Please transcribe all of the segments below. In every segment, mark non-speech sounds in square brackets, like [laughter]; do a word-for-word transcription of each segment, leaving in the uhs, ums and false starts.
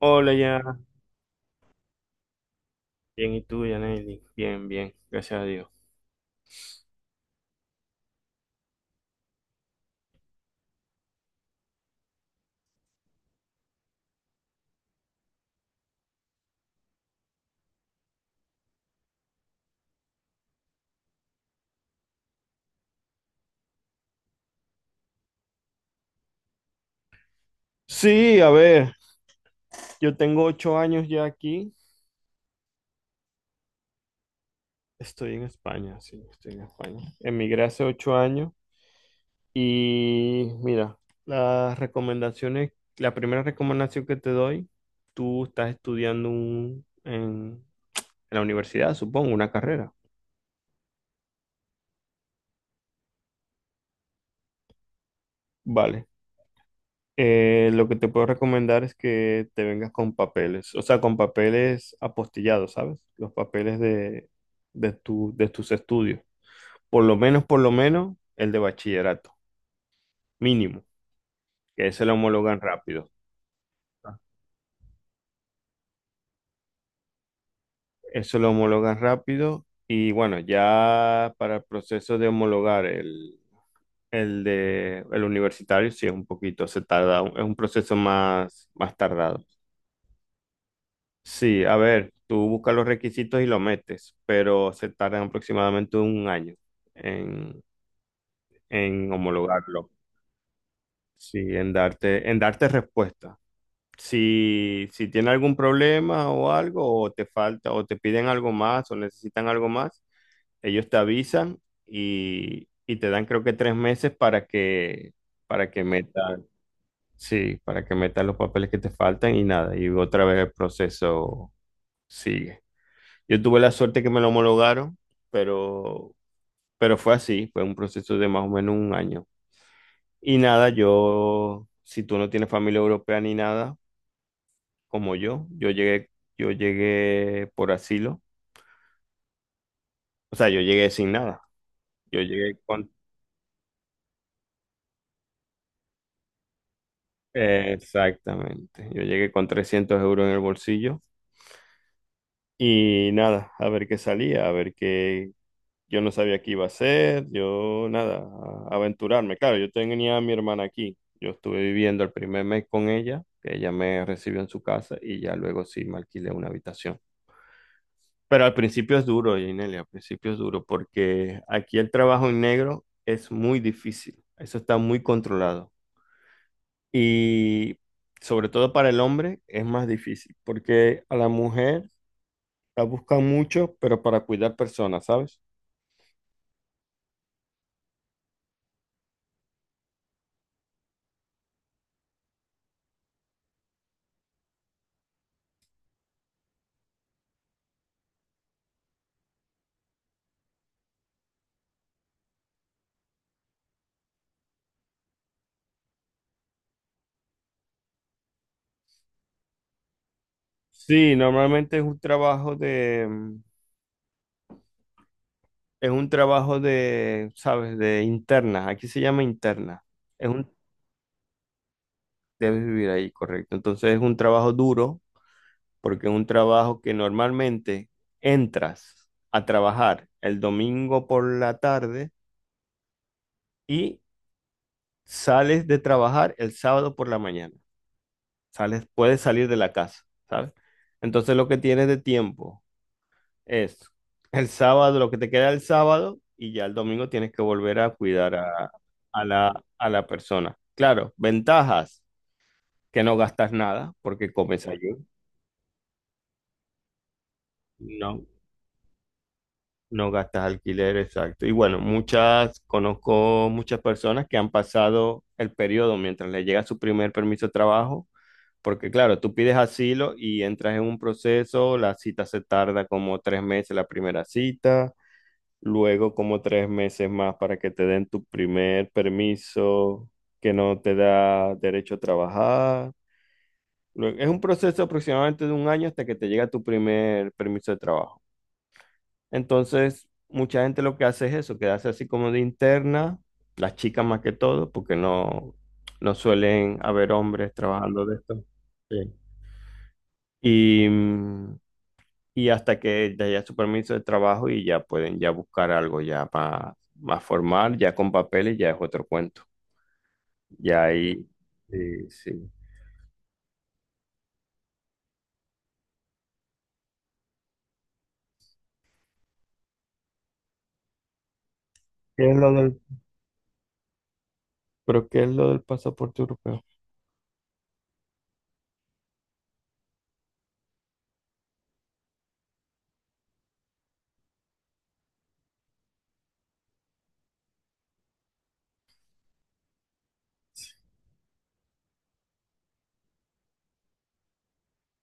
Hola, ya. Bien, ¿y tú, Yaneli? Bien, bien, gracias a Dios. Sí, a ver, yo tengo ocho años ya aquí. Estoy en España, sí, estoy en España. Emigré hace ocho años y mira, las recomendaciones, la primera recomendación que te doy, tú estás estudiando un- en, en la universidad, supongo, una carrera. Vale, Eh, lo que te puedo recomendar es que te vengas con papeles, o sea, con papeles apostillados, ¿sabes? Los papeles de, de tu, de tus estudios. Por lo menos, por lo menos, el de bachillerato, mínimo, que ese lo homologan rápido. Eso lo homologan rápido y bueno, ya para el proceso de homologar el, el de el universitario, sí es un poquito, se tarda, es un proceso más, más tardado. Sí, a ver, tú buscas los requisitos y lo metes, pero se tardan aproximadamente un año en, en homologarlo. Sí, en darte, en darte respuesta. Si, si tiene algún problema o algo, o te falta, o te piden algo más, o necesitan algo más, ellos te avisan y, y te dan creo que tres meses para que, para que metas, sí, para que metas los papeles que te faltan y nada, y otra vez el proceso sigue. Yo tuve la suerte que me lo homologaron, pero, pero fue así, fue un proceso de más o menos un año. Y nada, yo, si tú no tienes familia europea ni nada, como yo, yo llegué, yo llegué por asilo, o sea, yo llegué sin nada. Yo llegué con, exactamente, yo llegué con trescientos euros en el bolsillo y nada, a ver qué salía, a ver qué, yo no sabía qué iba a hacer, yo nada, a- aventurarme. Claro, yo tenía a mi hermana aquí. Yo estuve viviendo el primer mes con ella, que ella me recibió en su casa y ya luego sí me alquilé una habitación. Pero al principio es duro, Ginelia, al principio es duro porque aquí el trabajo en negro es muy difícil. Eso está muy controlado. Y sobre todo para el hombre es más difícil porque a la mujer la buscan mucho, pero para cuidar personas, ¿sabes? Sí, normalmente es un trabajo de, mm, es un trabajo de, ¿sabes? De interna. Aquí se llama interna. Es un, debes vivir ahí, correcto. Entonces es un trabajo duro porque es un trabajo que normalmente entras a trabajar el domingo por la tarde y sales de trabajar el sábado por la mañana. Sales, puedes salir de la casa, ¿sabes? Entonces lo que tienes de tiempo. Eso. El sábado, lo que te queda el sábado, y ya el domingo tienes que volver a cuidar a, a la, a la persona. Claro, ventajas, que no gastas nada porque comes allí. No, no gastas alquiler, exacto. Y bueno, muchas, conozco muchas personas que han pasado el periodo mientras le llega su primer permiso de trabajo, porque claro, tú pides asilo y entras en un proceso, la cita se tarda como tres meses la primera cita. Luego como tres meses más para que te den tu primer permiso que no te da derecho a trabajar. Lue- es un proceso aproximadamente de un año hasta que te llega tu primer permiso de trabajo. Entonces, mucha gente lo que hace es eso, quedarse así como de interna, las chicas más que todo, porque no, no suelen haber hombres trabajando de esto. Sí. Y, mm, y hasta que te haya su permiso de trabajo y ya pueden ya buscar algo ya más, más formal, ya con papeles, ya es otro cuento. Ya ahí, sí, sí. ¿Qué es lo del, pero qué es lo del pasaporte europeo?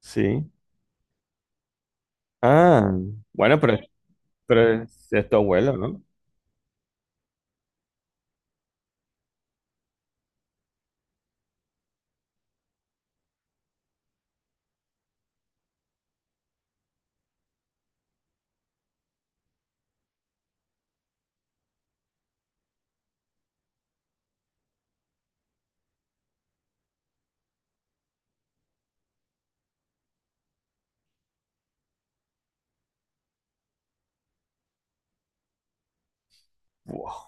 Sí. Ah, bueno, pero, pero es, es tu abuelo, ¿no? Wow.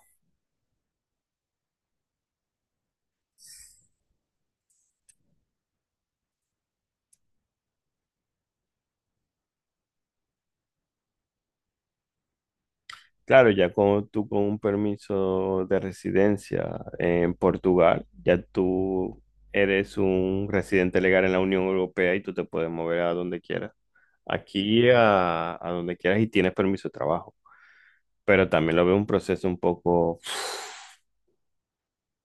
Claro, ya con, tú con un permiso de residencia en Portugal, ya tú eres un residente legal en la Unión Europea y tú te puedes mover a donde quieras. Aquí a, a donde quieras y tienes permiso de trabajo. Pero también lo veo un proceso un poco...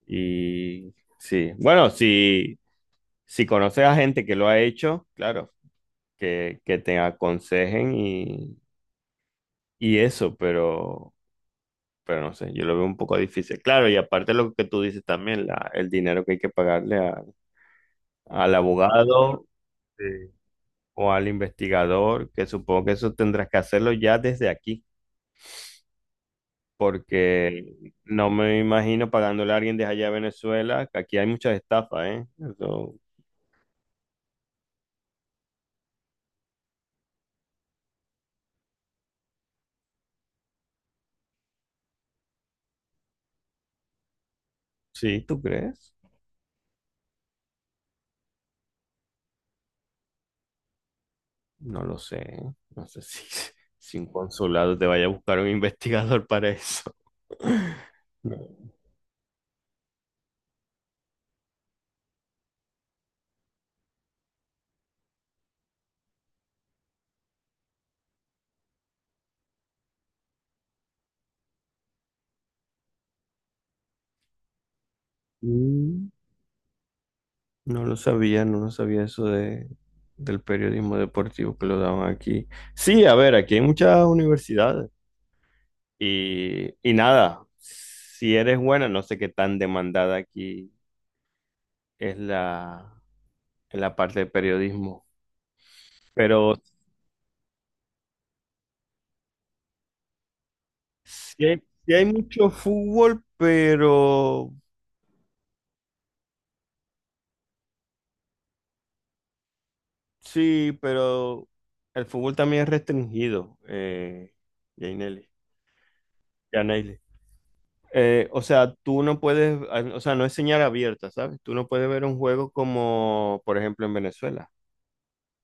Y sí, bueno, si, si conoces a gente que lo ha hecho, claro, que, que te aconsejen y, y eso, pero, pero no sé, yo lo veo un poco difícil. Claro, y aparte lo que tú dices también, la, el dinero que hay que pagarle a- al abogado, eh, o al investigador, que supongo que eso tendrás que hacerlo ya desde aquí. Porque no me imagino pagándole a alguien de allá de Venezuela, que aquí hay muchas estafas, ¿eh? Eso, sí, ¿tú crees? No lo sé, no sé si, [laughs] si un consulado te vaya a buscar un investigador para eso. [laughs] No, Mm, no lo sabía, no lo sabía eso de, del periodismo deportivo que lo daban aquí. Sí, a ver, aquí hay muchas universidades y, y nada, si eres buena, no sé qué tan demandada aquí es la en la parte de periodismo. Pero sí hay, sí hay mucho fútbol, pero sí, pero el fútbol también es restringido, eh, Yaneli- Yaneli. Eh, o sea, tú no puedes, o sea, no es señal abierta, ¿sabes? Tú no puedes ver un juego como, por ejemplo, en Venezuela.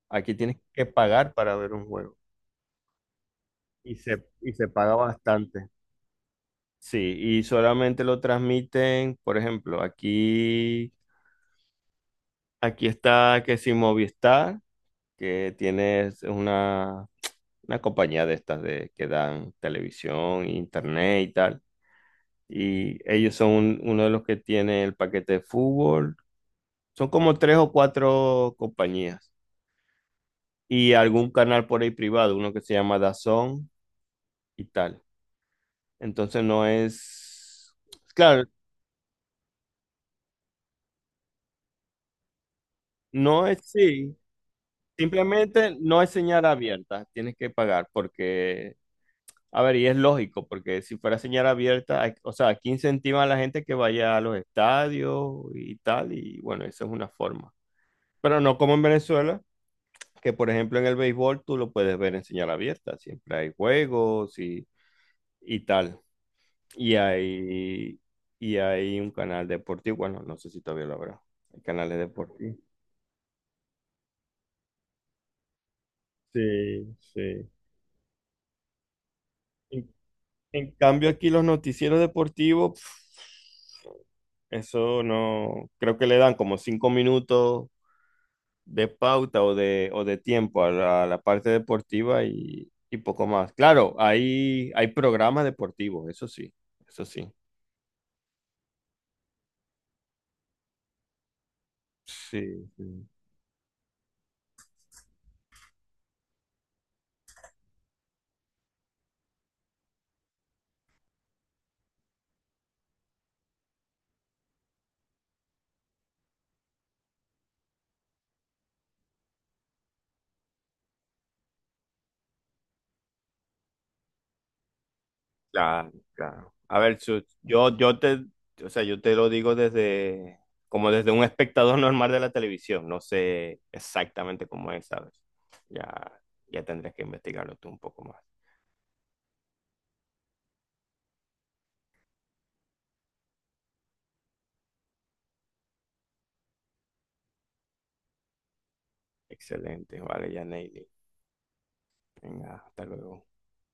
Aquí tienes que pagar para ver un juego. Y se, y se paga bastante. Sí, y solamente lo transmiten, por ejemplo, aquí, aquí, está que si Movistar que tienes una, una compañía de estas de, que dan televisión, internet y tal. Y ellos son un- uno de los que tiene el paquete de fútbol. Son como tres o cuatro compañías. Y algún canal por ahí privado, uno que se llama D A Z N y tal. Entonces no es... Claro, no es. Sí. Simplemente no es señal abierta. Tienes que pagar porque, a ver, y es lógico, porque si fuera señal abierta, hay- o sea, aquí incentivan a la gente que vaya a los estadios y tal, y bueno, esa es una forma. Pero no como en Venezuela, que por ejemplo en el béisbol tú lo puedes ver en señal abierta, siempre hay juegos y, y tal. Y hay, y hay un canal deportivo, bueno, no sé si todavía lo habrá, hay canales deportivos. Sí, sí. En, en cambio aquí los noticieros deportivos... pf, Eso no, creo que le dan como cinco minutos de pauta o de, o de tiempo a la, a la parte deportiva y, y poco más. Claro, hay, hay programas deportivos, eso sí, eso sí. Sí, sí. Claro, claro. A ver, Chus, yo, yo te, o sea, yo te lo digo desde, como desde un espectador [laughs] normal de la televisión, no sé exactamente cómo es, ¿sabes? Ya, ya tendrás que investigarlo tú un poco más. Excelente, vale, ya, Neily. Venga, hasta luego.